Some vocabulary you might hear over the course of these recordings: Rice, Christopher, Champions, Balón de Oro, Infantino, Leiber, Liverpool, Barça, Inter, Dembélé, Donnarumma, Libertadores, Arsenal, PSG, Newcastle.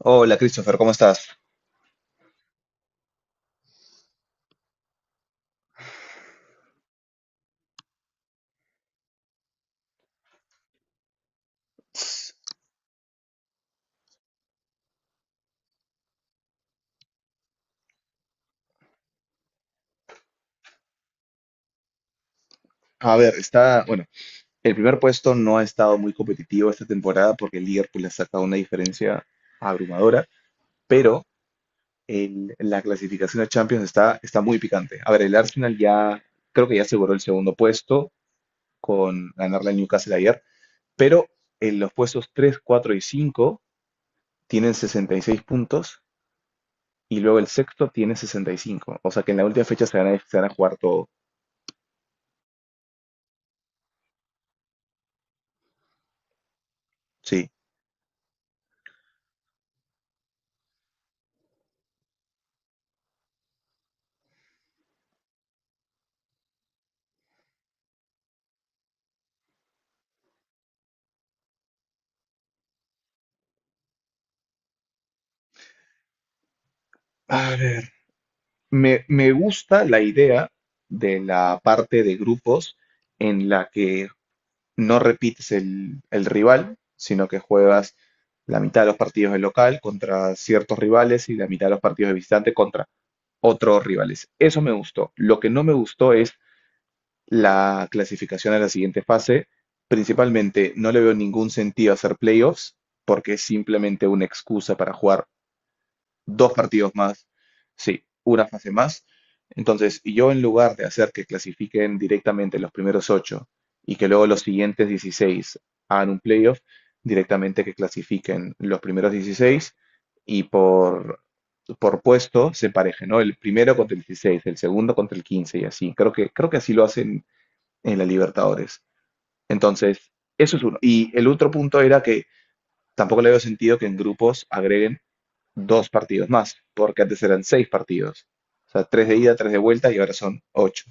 Hola Christopher, ¿cómo estás? A ver, está, bueno, el primer puesto no ha estado muy competitivo esta temporada porque el Liverpool ha sacado una diferencia abrumadora, pero la clasificación a Champions está muy picante. A ver, el Arsenal ya, creo que ya aseguró el segundo puesto con ganarle al Newcastle ayer, pero en los puestos 3, 4 y 5 tienen 66 puntos y luego el sexto tiene 65. O sea que en la última fecha se van a jugar todo. Sí. A ver. Me gusta la idea de la parte de grupos en la que no repites el rival, sino que juegas la mitad de los partidos de local contra ciertos rivales y la mitad de los partidos de visitante contra otros rivales. Eso me gustó. Lo que no me gustó es la clasificación a la siguiente fase. Principalmente no le veo ningún sentido hacer playoffs porque es simplemente una excusa para jugar dos partidos más, sí, una fase más. Entonces, yo en lugar de hacer que clasifiquen directamente los primeros ocho y que luego los siguientes 16 hagan un playoff, directamente que clasifiquen los primeros 16 y por puesto se pareje, ¿no? El primero contra el 16, el segundo contra el 15, y así. Creo que así lo hacen en la Libertadores. Entonces, eso es uno. Y el otro punto era que tampoco le veo sentido que en grupos agreguen dos partidos más, porque antes eran seis partidos. O sea, tres de ida, tres de vuelta y ahora son ocho.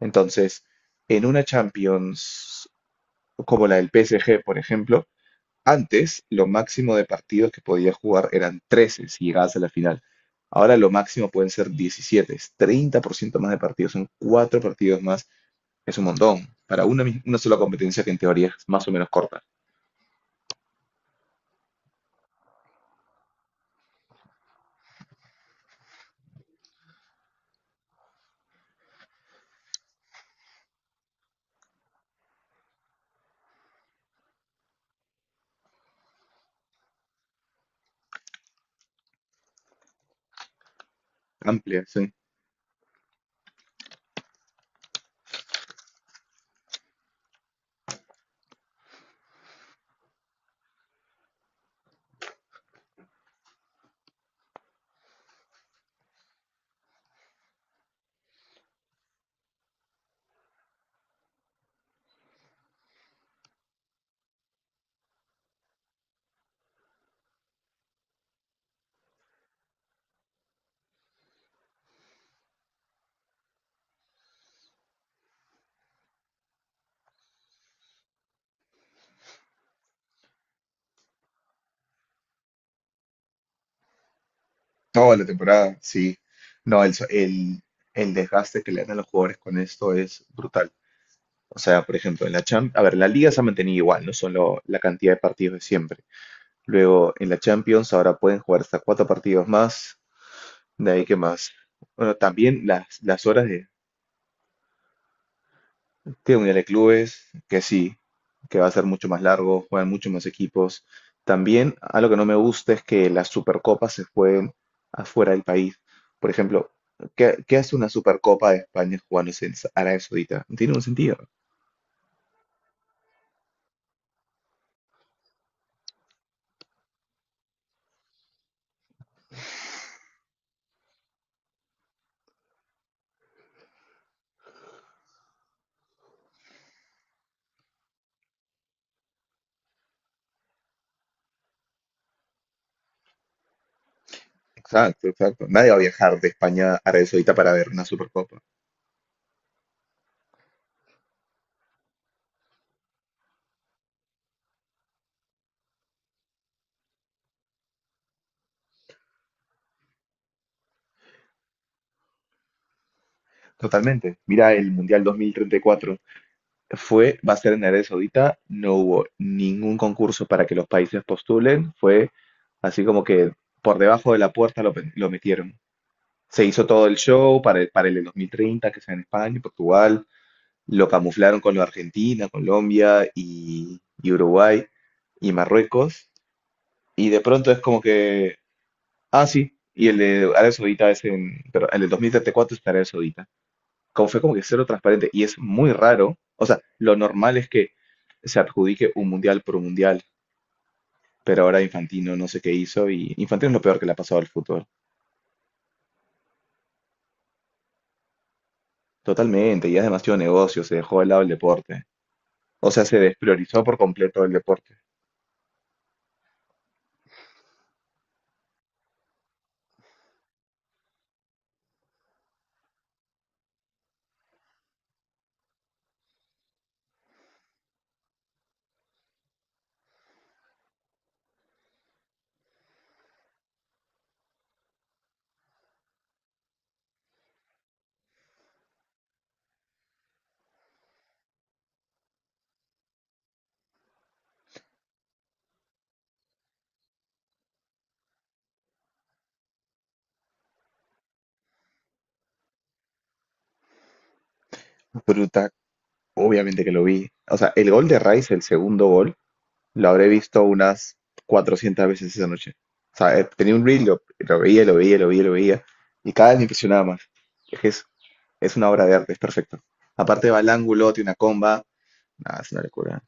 Entonces, en una Champions como la del PSG, por ejemplo, antes lo máximo de partidos que podías jugar eran 13 si llegabas a la final. Ahora lo máximo pueden ser 17, es 30% más de partidos, son cuatro partidos más, es un montón. Para una sola competencia que en teoría es más o menos corta, amplia, son. Toda la temporada, sí. No, el desgaste que le dan a los jugadores con esto es brutal. O sea, por ejemplo, en la Champions, a ver, la Liga se ha mantenido igual, no solo la cantidad de partidos de siempre. Luego, en la Champions ahora pueden jugar hasta cuatro partidos más, de ahí que más. Bueno, también las horas de. Tiene mundial de clubes, que sí, que va a ser mucho más largo, juegan mucho más equipos. También algo que no me gusta es que las supercopas se jueguen afuera del país. Por ejemplo, ¿qué hace una supercopa de España jugándose en Arabia Saudita? No tiene un sentido. Exacto, exacto. Nadie va a viajar de España a Arabia Saudita para ver una Supercopa. Totalmente. Mira el Mundial 2034, va a ser en Arabia Saudita, no hubo ningún concurso para que los países postulen, fue así como que por debajo de la puerta lo metieron. Se hizo todo el show para el, de 2030, que sea en España y Portugal, lo camuflaron con lo de Argentina, Colombia y Uruguay y Marruecos, y de pronto es como que, ah, sí, y el de Arabia Saudita es en, pero el de 2034 es en Arabia Saudita, como fue como que cero transparente y es muy raro. O sea, lo normal es que se adjudique un mundial por un mundial, pero ahora Infantino no sé qué hizo y Infantino es lo peor que le ha pasado al fútbol. Totalmente, y es demasiado negocio, se dejó de lado el deporte. O sea, se despriorizó por completo el deporte. Bruta, obviamente que lo vi. O sea, el gol de Rice, el segundo gol, lo habré visto unas 400 veces esa noche. O sea, tenía un reel, lo veía, lo veía, lo veía, lo veía, y cada vez me impresionaba más. Es que es una obra de arte, es perfecto. Aparte va al ángulo, tiene una comba. Nada, es una locura.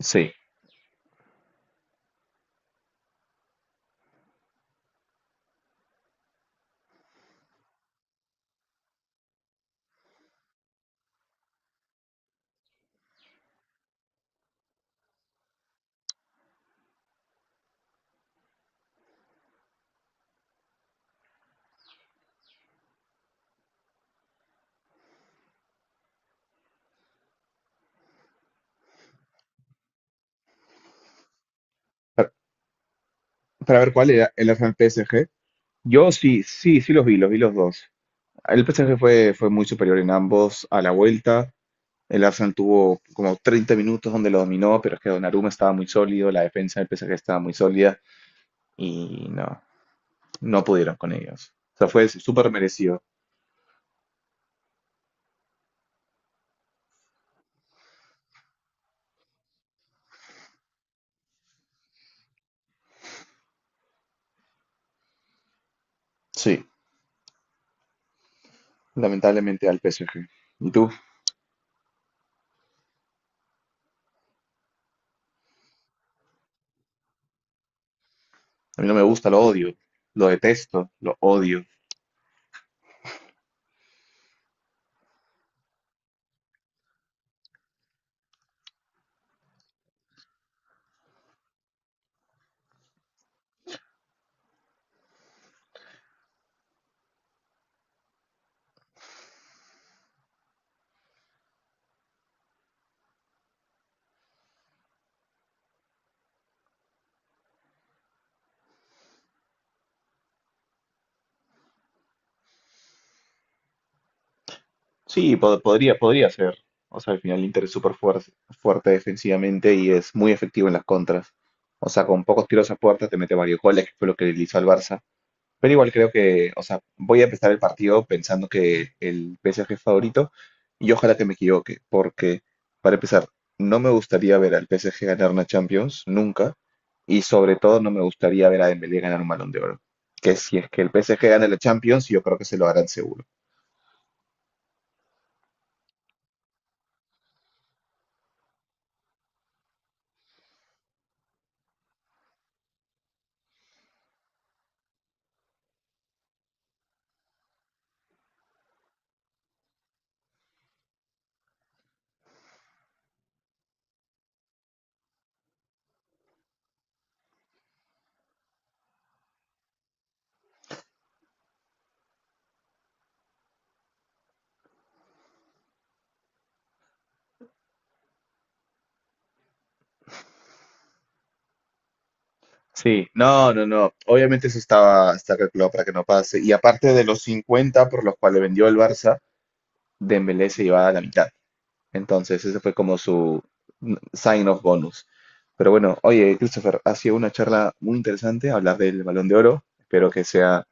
Sí. Para, para ver cuál era, el Arsenal PSG. Yo sí, sí, sí los vi los dos. El PSG fue muy superior en ambos a la vuelta. El Arsenal tuvo como 30 minutos donde lo dominó, pero es que Donnarumma estaba muy sólido, la defensa del PSG estaba muy sólida y no pudieron con ellos. O sea, fue súper merecido. Sí, lamentablemente al PSG. ¿Y tú? A mí no me gusta, lo odio, lo detesto, lo odio. Sí, podría ser. O sea, al final el Inter es súper fuerte, fuerte defensivamente y es muy efectivo en las contras. O sea, con pocos tiros a puerta te mete varios goles, que fue lo que le hizo al Barça. Pero igual creo que, o sea, voy a empezar el partido pensando que el PSG es favorito y ojalá que me equivoque, porque para empezar, no me gustaría ver al PSG ganar una Champions, nunca, y sobre todo no me gustaría ver a Dembélé ganar un Balón de Oro. Que si es que el PSG gana la Champions, yo creo que se lo harán seguro. Sí, no, no, no. Obviamente eso estaba, está calculado para que no pase. Y aparte de los 50 por los cuales vendió el Barça, Dembélé se llevaba la mitad. Entonces ese fue como su sign of bonus. Pero bueno, oye, Christopher, ha sido una charla muy interesante hablar del Balón de Oro. Espero que sea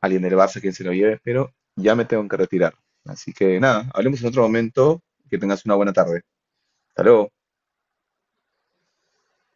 alguien del Barça quien se lo lleve, pero ya me tengo que retirar. Así que nada, hablemos en otro momento. Que tengas una buena tarde. Hasta luego.